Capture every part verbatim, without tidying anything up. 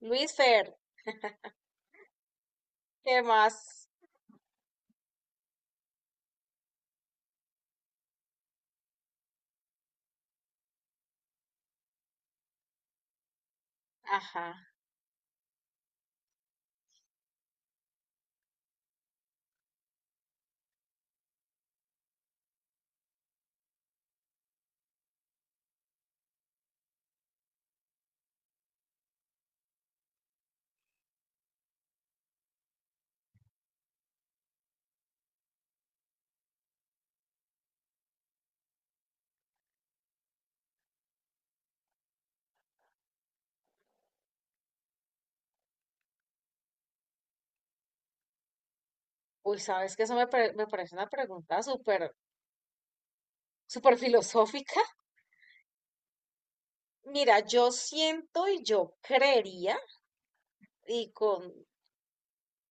Luis Fer, ¿qué más? Ajá. Uy, sabes que eso me, pare- me parece una pregunta súper, súper filosófica. Mira, yo siento y yo creería, y con,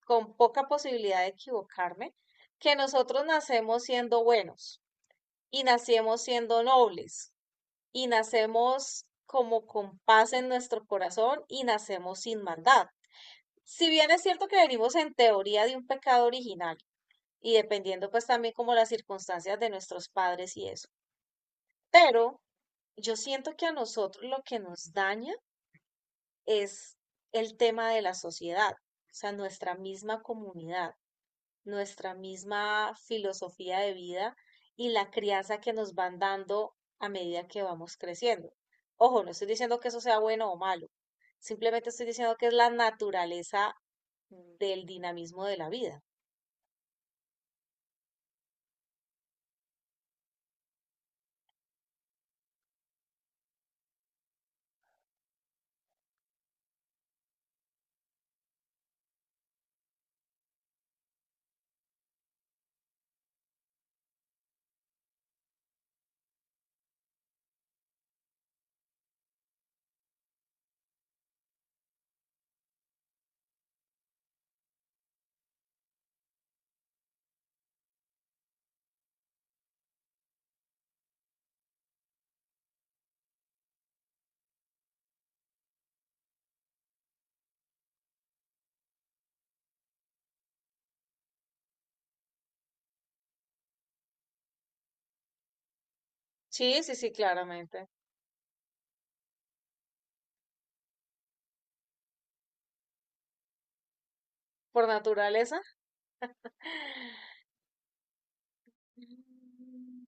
con poca posibilidad de equivocarme, que nosotros nacemos siendo buenos y nacemos siendo nobles y nacemos como con paz en nuestro corazón y nacemos sin maldad. Si bien es cierto que venimos en teoría de un pecado original, y dependiendo pues también como las circunstancias de nuestros padres y eso. Pero yo siento que a nosotros lo que nos daña es el tema de la sociedad, o sea, nuestra misma comunidad, nuestra misma filosofía de vida y la crianza que nos van dando a medida que vamos creciendo. Ojo, no estoy diciendo que eso sea bueno o malo, simplemente estoy diciendo que es la naturaleza del dinamismo de la vida. Sí, sí, sí, claramente. Por naturaleza. Mm,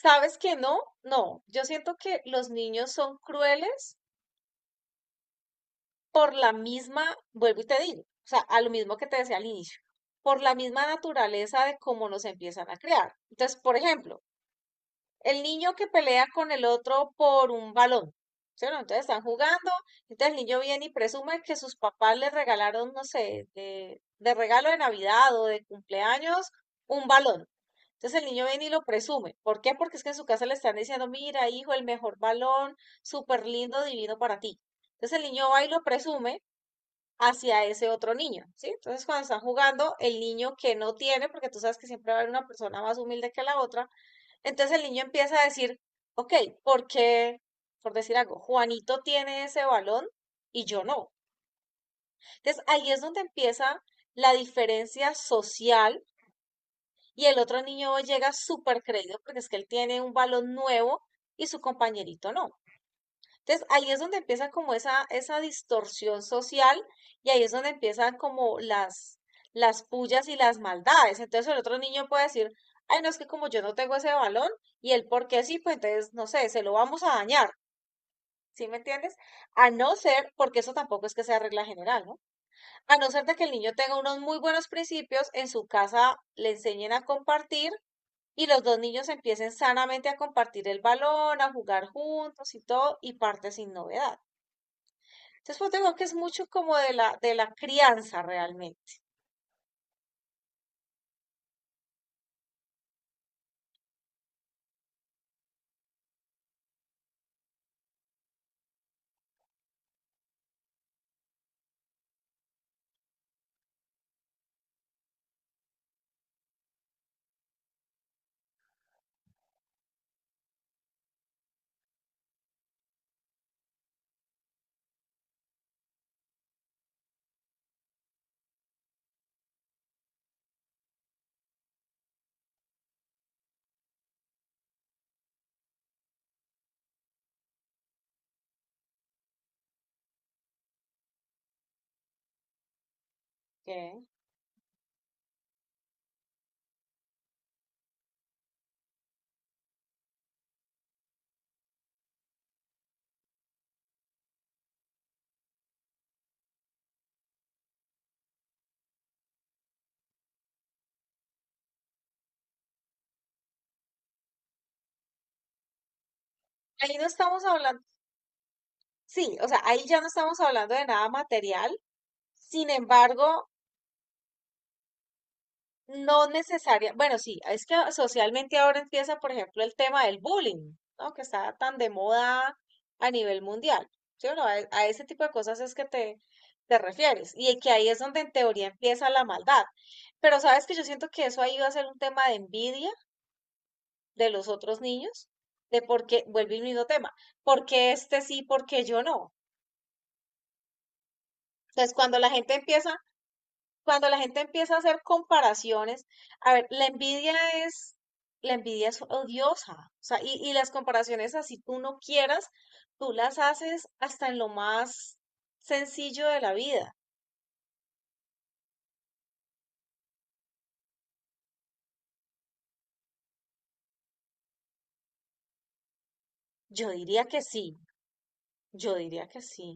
¿sabes que no? No, yo siento que los niños son crueles por la misma, vuelvo y te digo, o sea, a lo mismo que te decía al inicio, por la misma naturaleza de cómo nos empiezan a crear. Entonces, por ejemplo, el niño que pelea con el otro por un balón, ¿cierto? Entonces están jugando, entonces el niño viene y presume que sus papás le regalaron, no sé, de, de regalo de Navidad o de cumpleaños, un balón. Entonces el niño viene y lo presume. ¿Por qué? Porque es que en su casa le están diciendo, mira, hijo, el mejor balón, súper lindo, divino para ti. Entonces el niño va y lo presume hacia ese otro niño, ¿sí? Entonces cuando están jugando, el niño que no tiene, porque tú sabes que siempre va a haber una persona más humilde que la otra, entonces el niño empieza a decir, ok, ¿por qué, por decir algo, Juanito tiene ese balón y yo no? Entonces ahí es donde empieza la diferencia social y el otro niño llega súper creído porque es que él tiene un balón nuevo y su compañerito no. Entonces, ahí es donde empieza como esa, esa distorsión social y ahí es donde empiezan como las, las pullas y las maldades. Entonces, el otro niño puede decir, ay, no es que como yo no tengo ese balón y él porque sí, pues entonces, no sé, se lo vamos a dañar. ¿Sí me entiendes? A no ser, porque eso tampoco es que sea regla general, ¿no? A no ser de que el niño tenga unos muy buenos principios, en su casa le enseñen a compartir y los dos niños empiecen sanamente a compartir el balón, a jugar juntos y todo, y parte sin novedad. Entonces, pues digo que es mucho como de la, de la crianza realmente. Ok. Ahí no estamos hablando, sí, o sea, ahí ya no estamos hablando de nada material, sin embargo, no necesaria, bueno, sí, es que socialmente ahora empieza, por ejemplo, el tema del bullying, ¿no? Que está tan de moda a nivel mundial, ¿sí o no? A, a ese tipo de cosas es que te, te refieres, y que ahí es donde en teoría empieza la maldad, pero sabes que yo siento que eso ahí va a ser un tema de envidia de los otros niños, de por qué, vuelve el mismo tema, por qué este sí, por qué yo no. Entonces, cuando la gente empieza, cuando la gente empieza a hacer comparaciones, a ver, la envidia es, la envidia es odiosa, o sea, y, y las comparaciones así tú no quieras, tú las haces hasta en lo más sencillo de la vida. Yo diría que sí, yo diría que sí,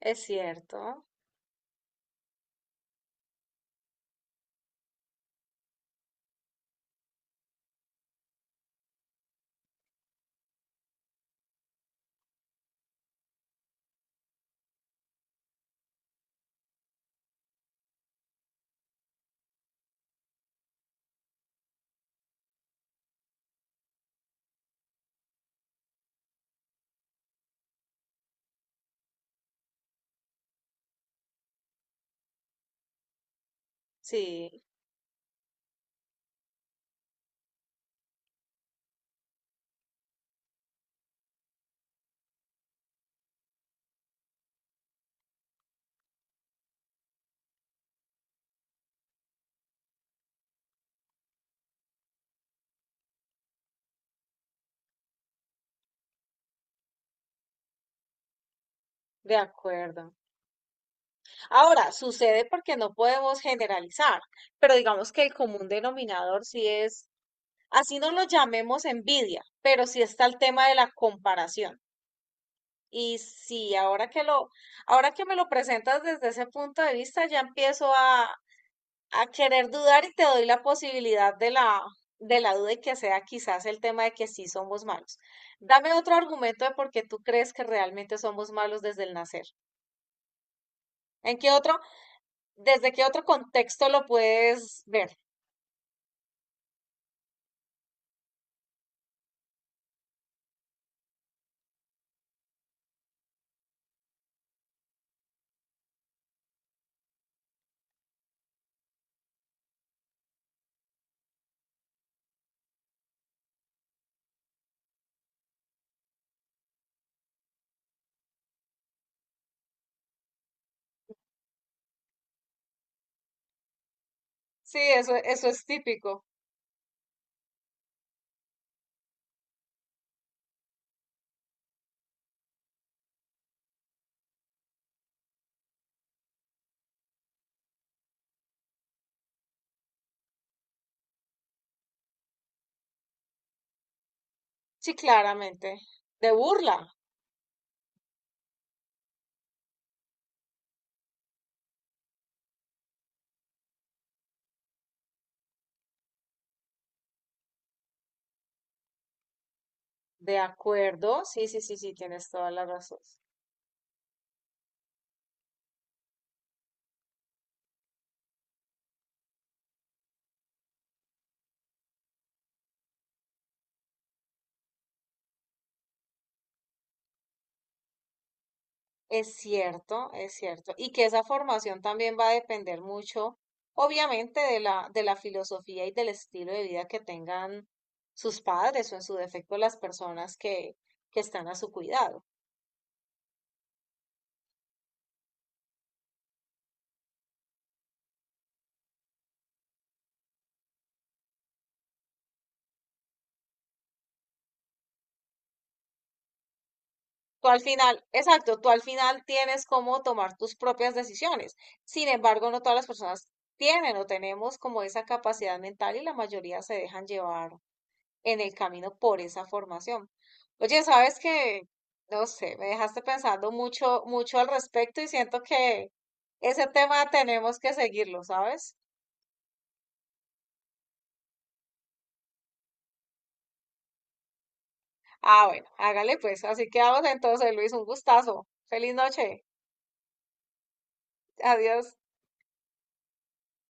es cierto, sí, de acuerdo. Ahora, sucede porque no podemos generalizar, pero digamos que el común denominador sí es, así no lo llamemos envidia, pero sí está el tema de la comparación. Y sí, ahora que lo, ahora que me lo presentas desde ese punto de vista, ya empiezo a, a querer dudar y te doy la posibilidad de la, de la duda y que sea quizás el tema de que sí somos malos. Dame otro argumento de por qué tú crees que realmente somos malos desde el nacer. ¿En qué otro? ¿Desde qué otro contexto lo puedes ver? Sí, eso, eso es típico. Sí, claramente. De burla. De acuerdo. Sí, sí, sí, sí, tienes toda la razón. Es cierto, es cierto. Y que esa formación también va a depender mucho, obviamente, de la, de la filosofía y del estilo de vida que tengan sus padres o en su defecto las personas que, que están a su cuidado. Tú al final, exacto, tú al final tienes cómo tomar tus propias decisiones. Sin embargo, no todas las personas tienen o tenemos como esa capacidad mental y la mayoría se dejan llevar en el camino por esa formación. Oye, sabes que, no sé, me dejaste pensando mucho, mucho al respecto y siento que ese tema tenemos que seguirlo, ¿sabes? Ah, bueno, hágale pues. Así quedamos entonces, Luis, un gustazo. Feliz noche. Adiós.